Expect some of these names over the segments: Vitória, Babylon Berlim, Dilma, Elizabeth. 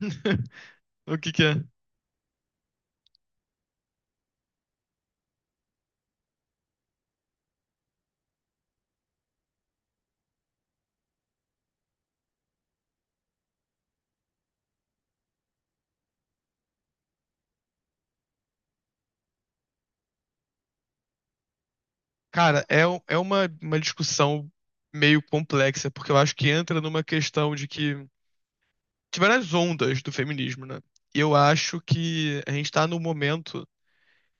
O que que é? Cara, é uma discussão meio complexa, porque eu acho que entra numa questão de que tiveram as ondas do feminismo, né? E eu acho que a gente tá num momento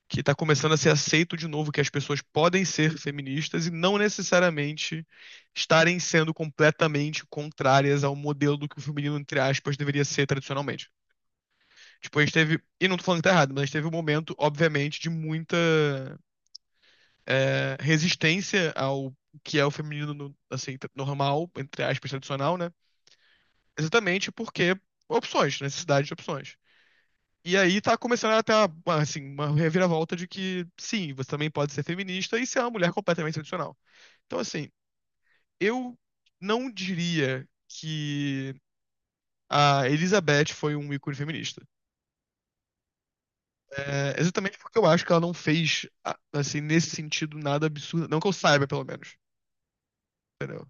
que tá começando a ser aceito de novo que as pessoas podem ser feministas e não necessariamente estarem sendo completamente contrárias ao modelo do que o feminino, entre aspas, deveria ser tradicionalmente. Tipo, a gente teve, e não tô falando que tá errado, mas a gente teve um momento, obviamente, de muita resistência ao que é o feminino assim, normal, entre aspas, tradicional, né? Exatamente porque opções, necessidade de opções. E aí tá começando a ter uma, assim, uma reviravolta de que, sim, você também pode ser feminista e ser uma mulher completamente tradicional. Então, assim, eu não diria que a Elizabeth foi um ícone feminista. É, exatamente porque eu acho que ela não fez, assim, nesse sentido, nada absurdo. Não que eu saiba, pelo menos. Entendeu?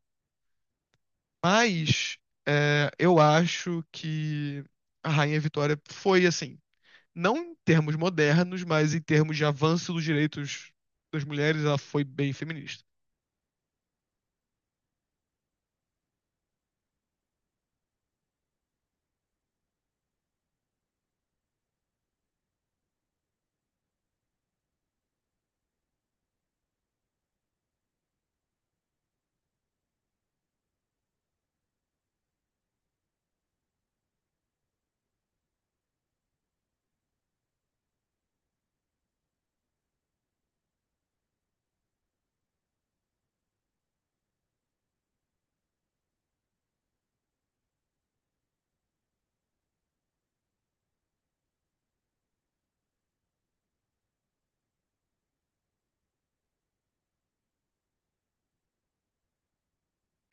Mas é, eu acho que a Rainha Vitória foi assim, não em termos modernos, mas em termos de avanço dos direitos das mulheres, ela foi bem feminista.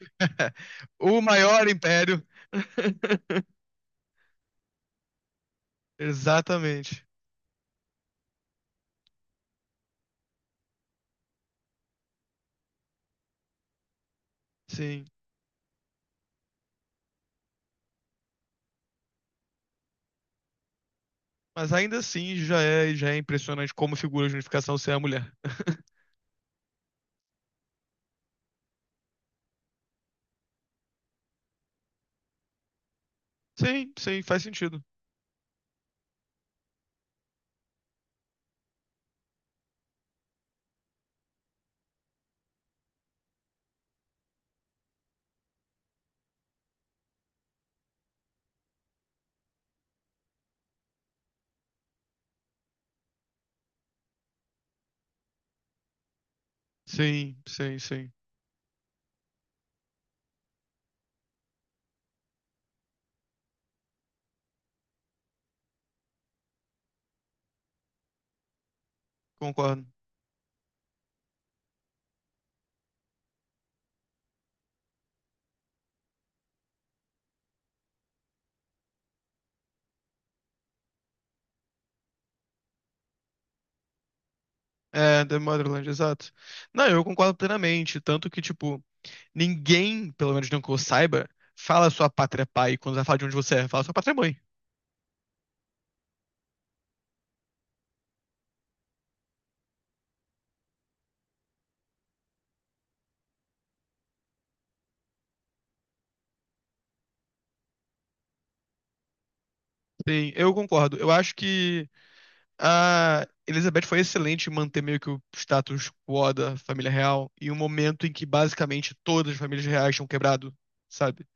O maior império. Exatamente. Sim. Mas ainda assim já é impressionante como figura de unificação ser a mulher. Sim, sim, faz sentido. Sim, sim, sim. Concordo. É, The Motherland, exato. Não, eu concordo plenamente. Tanto que, tipo, ninguém, pelo menos não que eu saiba, fala sua pátria pai quando vai falar de onde você é, fala sua pátria mãe. Sim, eu concordo. Eu acho que a Elizabeth foi excelente em manter meio que o status quo da família real em um momento em que basicamente todas as famílias reais tinham quebrado, sabe?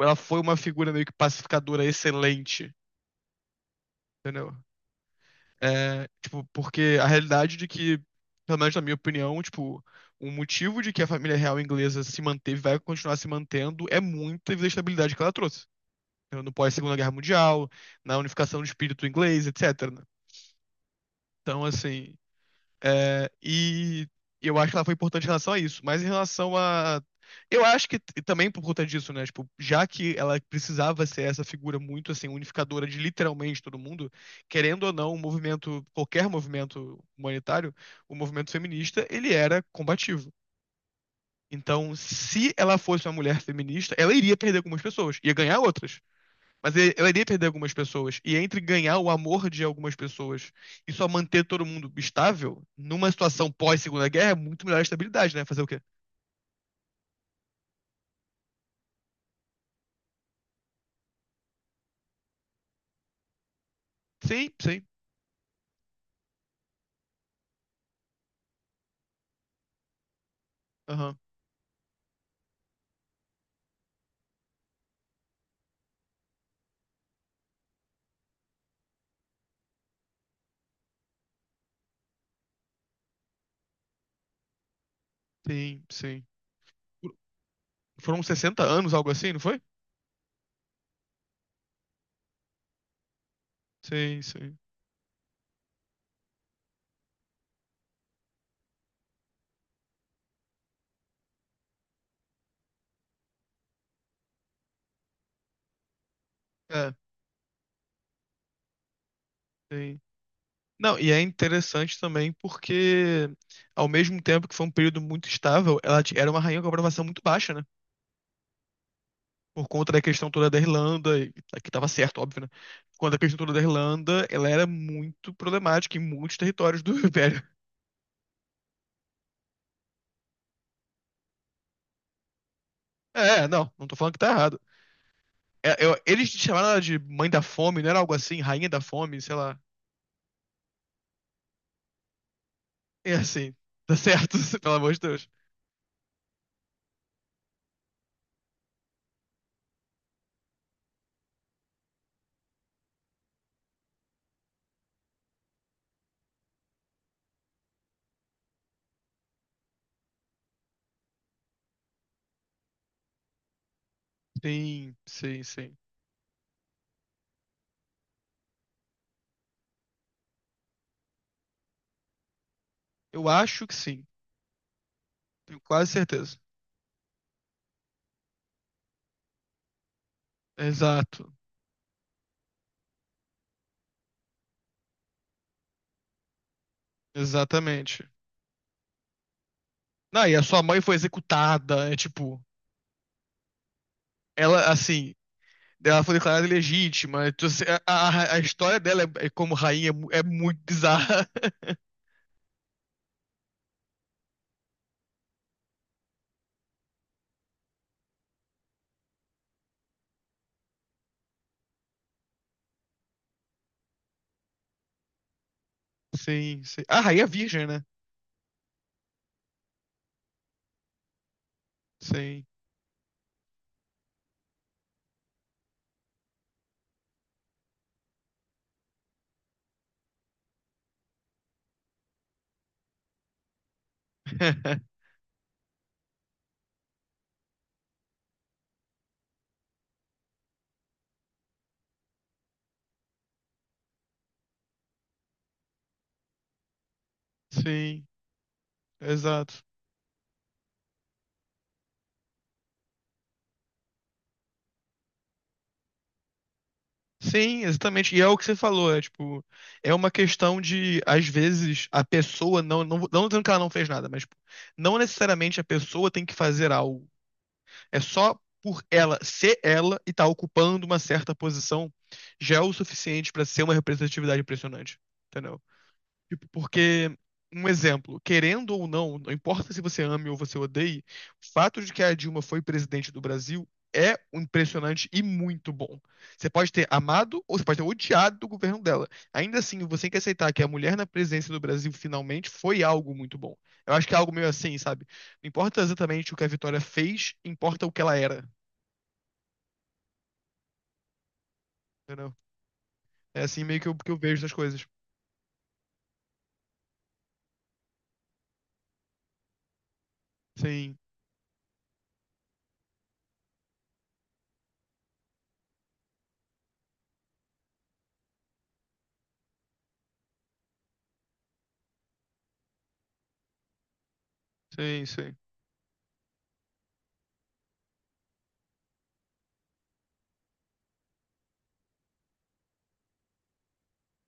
Ela foi uma figura meio que pacificadora excelente, entendeu? É, tipo, porque a realidade de que, pelo menos na minha opinião, tipo, o motivo de que a família real inglesa se manteve, vai continuar se mantendo, é muita estabilidade que ela trouxe. Entendeu? No pós-Segunda Guerra Mundial, na unificação do espírito inglês, etc. né? Então, assim, e eu acho que ela foi importante em relação a isso. Mas em relação a. Eu acho que também por conta disso, né? Tipo, já que ela precisava ser essa figura muito assim, unificadora de literalmente todo mundo, querendo ou não, um movimento, qualquer movimento humanitário, o movimento feminista, ele era combativo. Então, se ela fosse uma mulher feminista, ela iria perder algumas pessoas, ia ganhar outras. Mas ela iria perder algumas pessoas. E entre ganhar o amor de algumas pessoas e só manter todo mundo estável, numa situação pós-Segunda Guerra, é muito melhor a estabilidade, né? Fazer o quê? Sim, sim. Aham. Sim, sim. Por- Foram 60 anos, algo assim, não foi? Sim, sim. É, sim. Não, e é interessante também porque, ao mesmo tempo que foi um período muito estável, era uma rainha com aprovação muito baixa, né? Por conta da questão toda da Irlanda, que estava certo, óbvio, né? Por conta da questão toda da Irlanda, ela era muito problemática em muitos territórios do Império. É, não, não tô falando que tá errado. Eles chamaram ela de mãe da fome, não era algo assim, rainha da fome, sei lá. É assim, tá certo, pelo amor de Deus. Sim, sim, sim. Eu acho que sim, tenho quase certeza. Exato, exatamente. Não, e a sua mãe foi executada, é tipo, ela assim, ela foi declarada ilegítima. Então, assim, a história dela é como rainha é muito bizarra. Sim, sim. A rainha virgem, né? Sim. Sim, exato. Sim, exatamente. E é o que você falou, é tipo, é uma questão de, às vezes, a pessoa não dizendo que ela não fez nada, mas tipo, não necessariamente a pessoa tem que fazer algo. É só por ela ser ela e estar ocupando uma certa posição já é o suficiente pra ser uma representatividade impressionante. Entendeu? Tipo, porque, um exemplo, querendo ou não, não importa se você ame ou você odeie, o fato de que a Dilma foi presidente do Brasil é um impressionante e muito bom. Você pode ter amado ou você pode ter odiado o governo dela. Ainda assim, você tem que aceitar que a mulher na presidência do Brasil finalmente foi algo muito bom. Eu acho que é algo meio assim, sabe? Não importa exatamente o que a Vitória fez, importa o que ela era. Entendeu? É assim meio que que eu vejo essas coisas. Sim, sim, sim.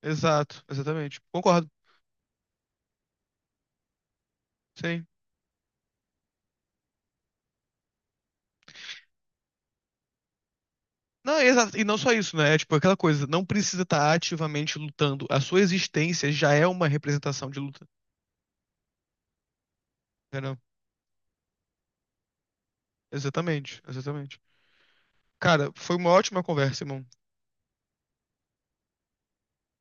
Exato, exatamente. Concordo. Sim. Não, exato. E não só isso, né? É tipo aquela coisa, não precisa estar ativamente lutando. A sua existência já é uma representação de luta. Entendeu? Exatamente, exatamente. Cara, foi uma ótima conversa, irmão.